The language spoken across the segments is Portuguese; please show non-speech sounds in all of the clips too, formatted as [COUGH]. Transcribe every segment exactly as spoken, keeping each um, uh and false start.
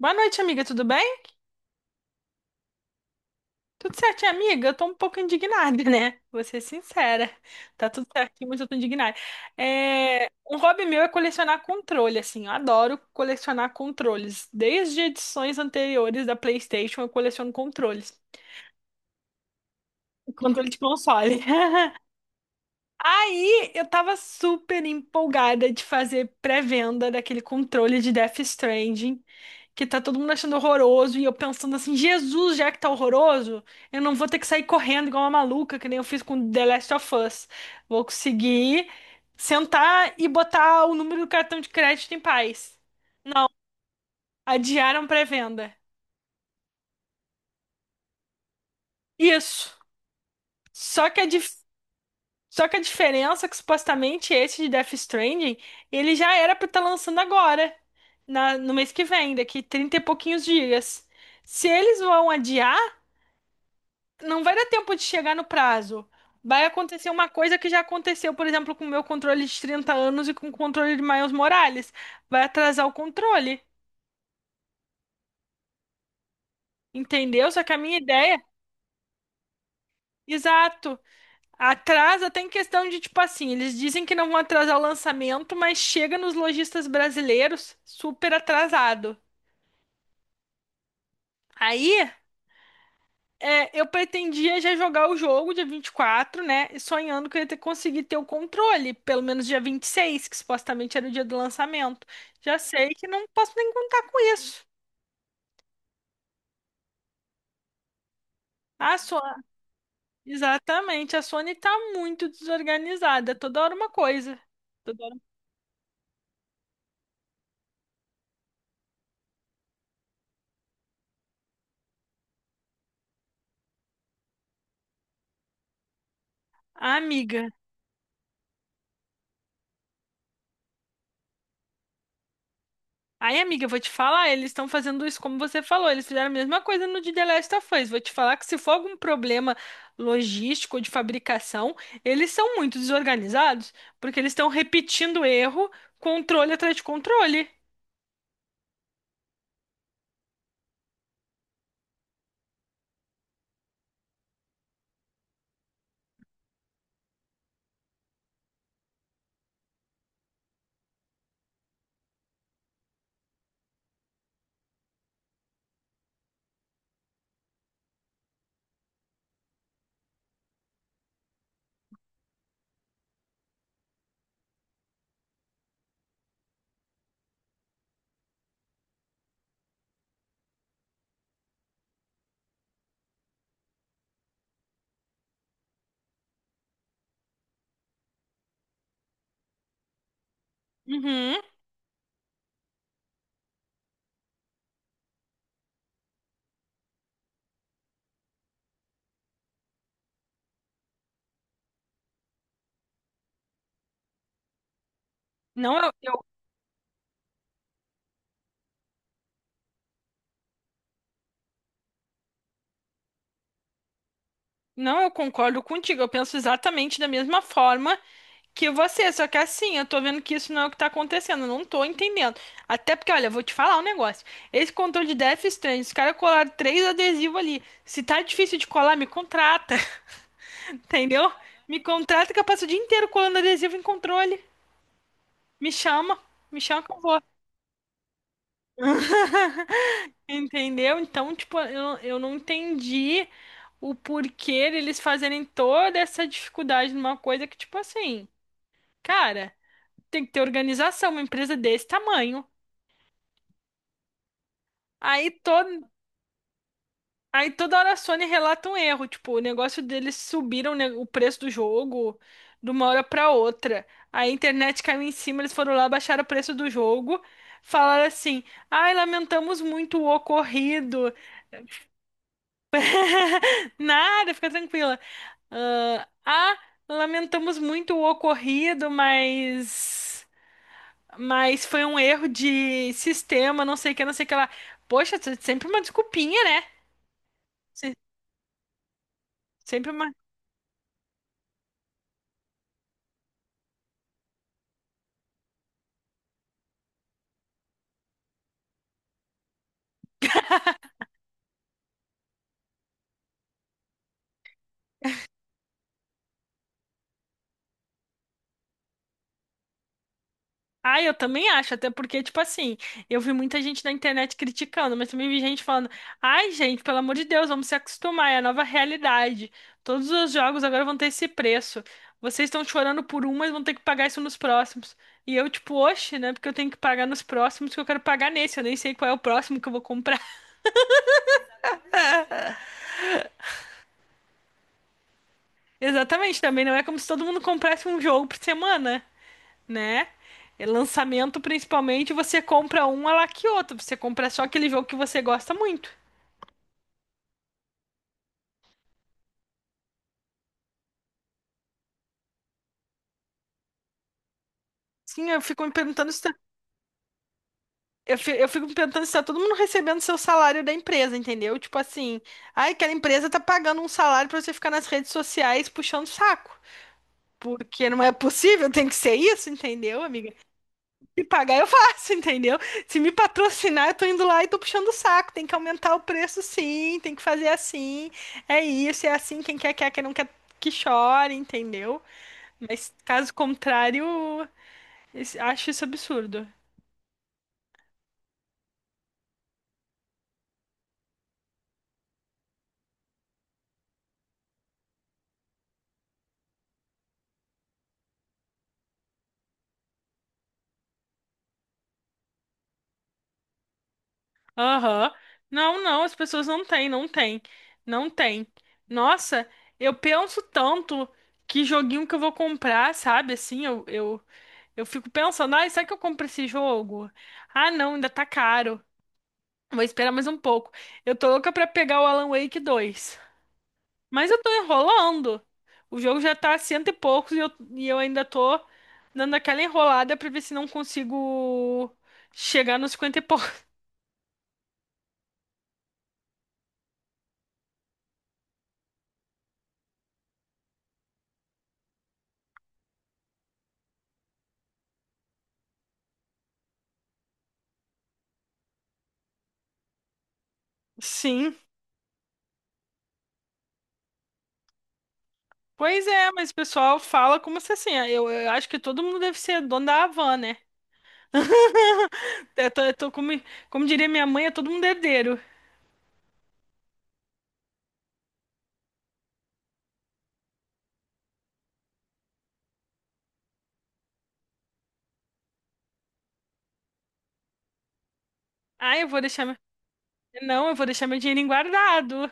Boa noite, amiga, tudo bem? Tudo certinho, amiga? Eu tô um pouco indignada, né? Vou ser sincera. Tá tudo certinho, mas eu tô indignada. É, Um hobby meu é colecionar controle, assim. Eu adoro colecionar controles. Desde edições anteriores da PlayStation, eu coleciono controles. Controle de console. [LAUGHS] Aí eu tava super empolgada de fazer pré-venda daquele controle de Death Stranding, que tá todo mundo achando horroroso, e eu pensando assim, Jesus, já que tá horroroso, eu não vou ter que sair correndo igual uma maluca, que nem eu fiz com The Last of Us. Vou conseguir sentar e botar o número do cartão de crédito em paz. Adiaram pré-venda. Isso. Só que a Só que a diferença é que supostamente esse de Death Stranding, ele já era pra estar lançando agora, na- no mês que vem, daqui trinta e pouquinhos dias. Se eles vão adiar, não vai dar tempo de chegar no prazo. Vai acontecer uma coisa que já aconteceu, por exemplo, com o meu controle de trinta anos e com o controle de Miles Morales. Vai atrasar o controle, entendeu? Só que a minha ideia, exato. Atrasa até em questão de, tipo assim, eles dizem que não vão atrasar o lançamento, mas chega nos lojistas brasileiros super atrasado. Aí, é, eu pretendia já jogar o jogo dia vinte e quatro, né? E sonhando que eu ia ter, conseguir ter o controle, pelo menos dia vinte e seis que supostamente era o dia do lançamento. Já sei que não posso nem contar com isso. A Sony, exatamente, a Sony tá muito desorganizada, toda hora uma coisa. Toda hora... Ah, amiga. Aí, amiga, eu vou te falar, eles estão fazendo isso como você falou, eles fizeram a mesma coisa no de The Last of Us. Vou te falar que se for algum problema logístico ou de fabricação, eles são muito desorganizados, porque eles estão repetindo erro, controle atrás de controle. Uhum. Não, eu, eu- não, eu concordo contigo. Eu penso exatamente da mesma forma que você, só que assim, eu tô vendo que isso não é o que tá acontecendo, eu não tô entendendo. Até porque, olha, eu vou te falar um negócio. Esse controle de Death Stranding, os caras colaram três adesivos ali. Se tá difícil de colar, me contrata. [LAUGHS] Entendeu? Me contrata que eu passo o dia inteiro colando adesivo em controle. Me chama, me chama que eu vou. [LAUGHS] Entendeu? Então, tipo, eu, eu não entendi o porquê eles fazerem toda essa dificuldade numa coisa que, tipo assim, cara. Tem que ter organização, uma empresa desse tamanho. Aí, to... Aí toda hora a Sony relata um erro, tipo, o negócio deles subiram, né, o preço do jogo de uma hora pra outra. Aí a internet caiu em cima, eles foram lá, baixaram o preço do jogo, falaram assim: ai, lamentamos muito o ocorrido. Nada, fica tranquila. ah, ah, Lamentamos muito o ocorrido, mas. Mas foi um erro de sistema, não sei o que, não sei o que lá. Poxa, sempre uma desculpinha, né? Se- Sempre uma. Ah, eu também acho, até porque, tipo assim, eu vi muita gente na internet criticando, mas também vi gente falando: ai, gente, pelo amor de Deus, vamos se acostumar, é a nova realidade. Todos os jogos agora vão ter esse preço. Vocês estão chorando por um, mas vão ter que pagar isso nos próximos. E eu, tipo, oxe, né? Porque eu tenho que pagar nos próximos, que eu quero pagar nesse, eu nem sei qual é o próximo que eu vou comprar. [LAUGHS] Exatamente, também não é como se todo mundo comprasse um jogo por semana, né? É lançamento, principalmente, você compra um, ela que outro. Você compra só aquele jogo que você gosta muito. Sim, eu fico me perguntando se tá, eu fi- eu fico me perguntando se tá todo mundo recebendo seu salário da empresa, entendeu? Tipo assim, ai, aquela empresa tá pagando um salário pra você ficar nas redes sociais puxando saco. Porque não é possível, [LAUGHS] tem que ser isso, entendeu, amiga? Se pagar, eu faço, entendeu? Se me patrocinar, eu tô indo lá e tô puxando o saco. Tem que aumentar o preço, sim. Tem que fazer assim. É isso, é assim. Quem quer, quer. Quem não quer, que chore, entendeu? Mas caso contrário, esse- acho isso absurdo. Aham. Não, não, as pessoas não têm, não têm. Não têm. Nossa, eu penso tanto que joguinho que eu vou comprar, sabe? Assim, eu, eu, eu fico pensando, ai, será que eu compro esse jogo? Ah, não, ainda tá caro. Vou esperar mais um pouco. Eu tô louca pra pegar o Alan Wake dois. Mas eu tô enrolando. O jogo já tá a cento e poucos e eu, e eu ainda tô dando aquela enrolada pra ver se não consigo chegar nos cinquenta e poucos. [LAUGHS] Sim. Pois é, mas o pessoal fala como se assim. é, Eu, eu acho que todo mundo deve ser dono da Havan, né? [LAUGHS] Eu tô, eu tô como, como diria minha mãe, é todo mundo herdeiro. Ah, eu vou deixar. Meu- Não, eu vou deixar meu dinheirinho guardado.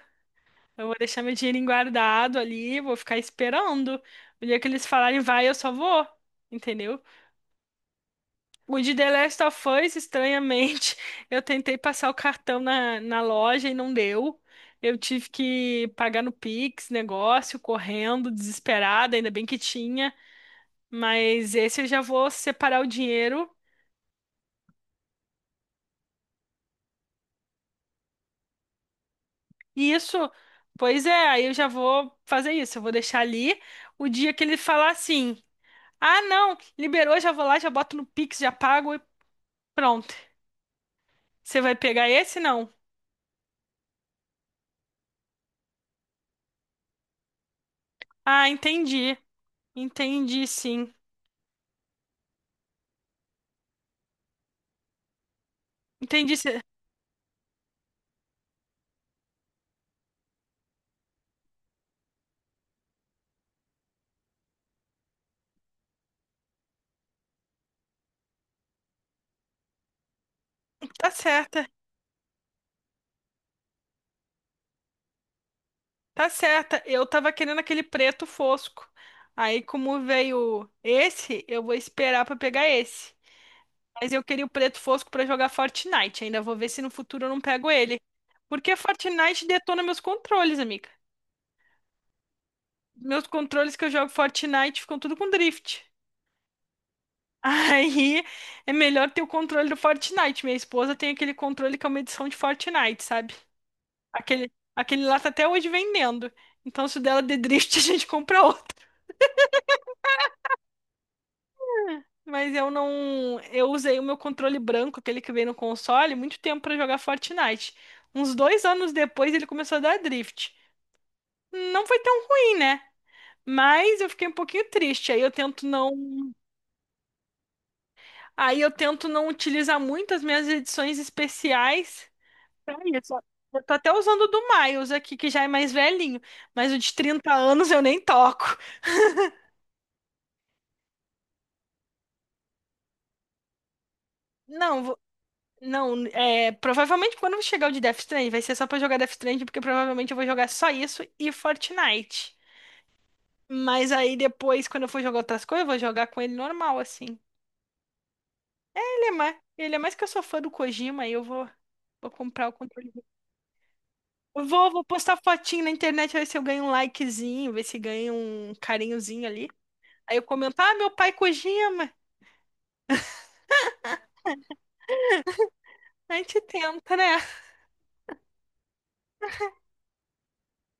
Eu vou deixar meu dinheirinho guardado ali, vou ficar esperando. O dia que eles falarem vai, eu só vou. Entendeu? O de The Last of Us, estranhamente, [LAUGHS] eu tentei passar o cartão na, na loja e não deu. Eu tive que pagar no Pix, negócio, correndo, desesperada, ainda bem que tinha. Mas esse eu já vou separar o dinheiro. E isso, pois é, aí eu já vou fazer isso. Eu vou deixar ali. O dia que ele falar assim. Ah, não, liberou, já vou lá, já boto no Pix, já pago e pronto. Você vai pegar esse, não? Ah, entendi. Entendi, sim. Entendi. cê- Tá certa, tá certa. Eu tava querendo aquele preto fosco. Aí, como veio esse, eu vou esperar pra pegar esse. Mas eu queria o preto fosco pra jogar Fortnite. Ainda vou ver se no futuro eu não pego ele. Porque Fortnite detona meus controles, amiga. Meus controles que eu jogo Fortnite ficam tudo com drift. Aí é melhor ter o controle do Fortnite. Minha esposa tem aquele controle que é uma edição de Fortnite, sabe? Aquele, aquele lá tá até hoje vendendo. Então, se o dela der drift, [LAUGHS] a gente compra outro. Mas eu não. Eu usei o meu controle branco, aquele que veio no console, muito tempo pra jogar Fortnite. Uns dois anos depois ele começou a dar drift. Não foi tão ruim, né? Mas eu fiquei um pouquinho triste. Aí eu tento não. Aí eu tento não utilizar muito as minhas edições especiais. É isso. Eu tô até usando o do Miles aqui, que já é mais velhinho, mas o de trinta anos eu nem toco. Não, vou- não, é, provavelmente quando chegar o de Death Stranding, vai ser só pra jogar Death Stranding, porque provavelmente eu vou jogar só isso e Fortnite. Mas aí depois, quando eu for jogar outras coisas, eu vou jogar com ele normal, assim. Ele é mais, ele é mais que eu sou fã do Kojima, aí eu vou, vou comprar o controle. Eu vou, vou postar fotinho na internet, ver se eu ganho um likezinho, ver se ganho um carinhozinho ali. Aí eu comento, ah, meu pai Kojima. A gente tenta, né?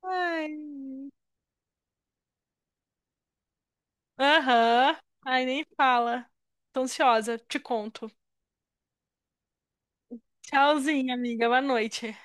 Ai. Aham. Ai, nem fala. Tô ansiosa. Te conto. Tchauzinho, amiga. Boa noite.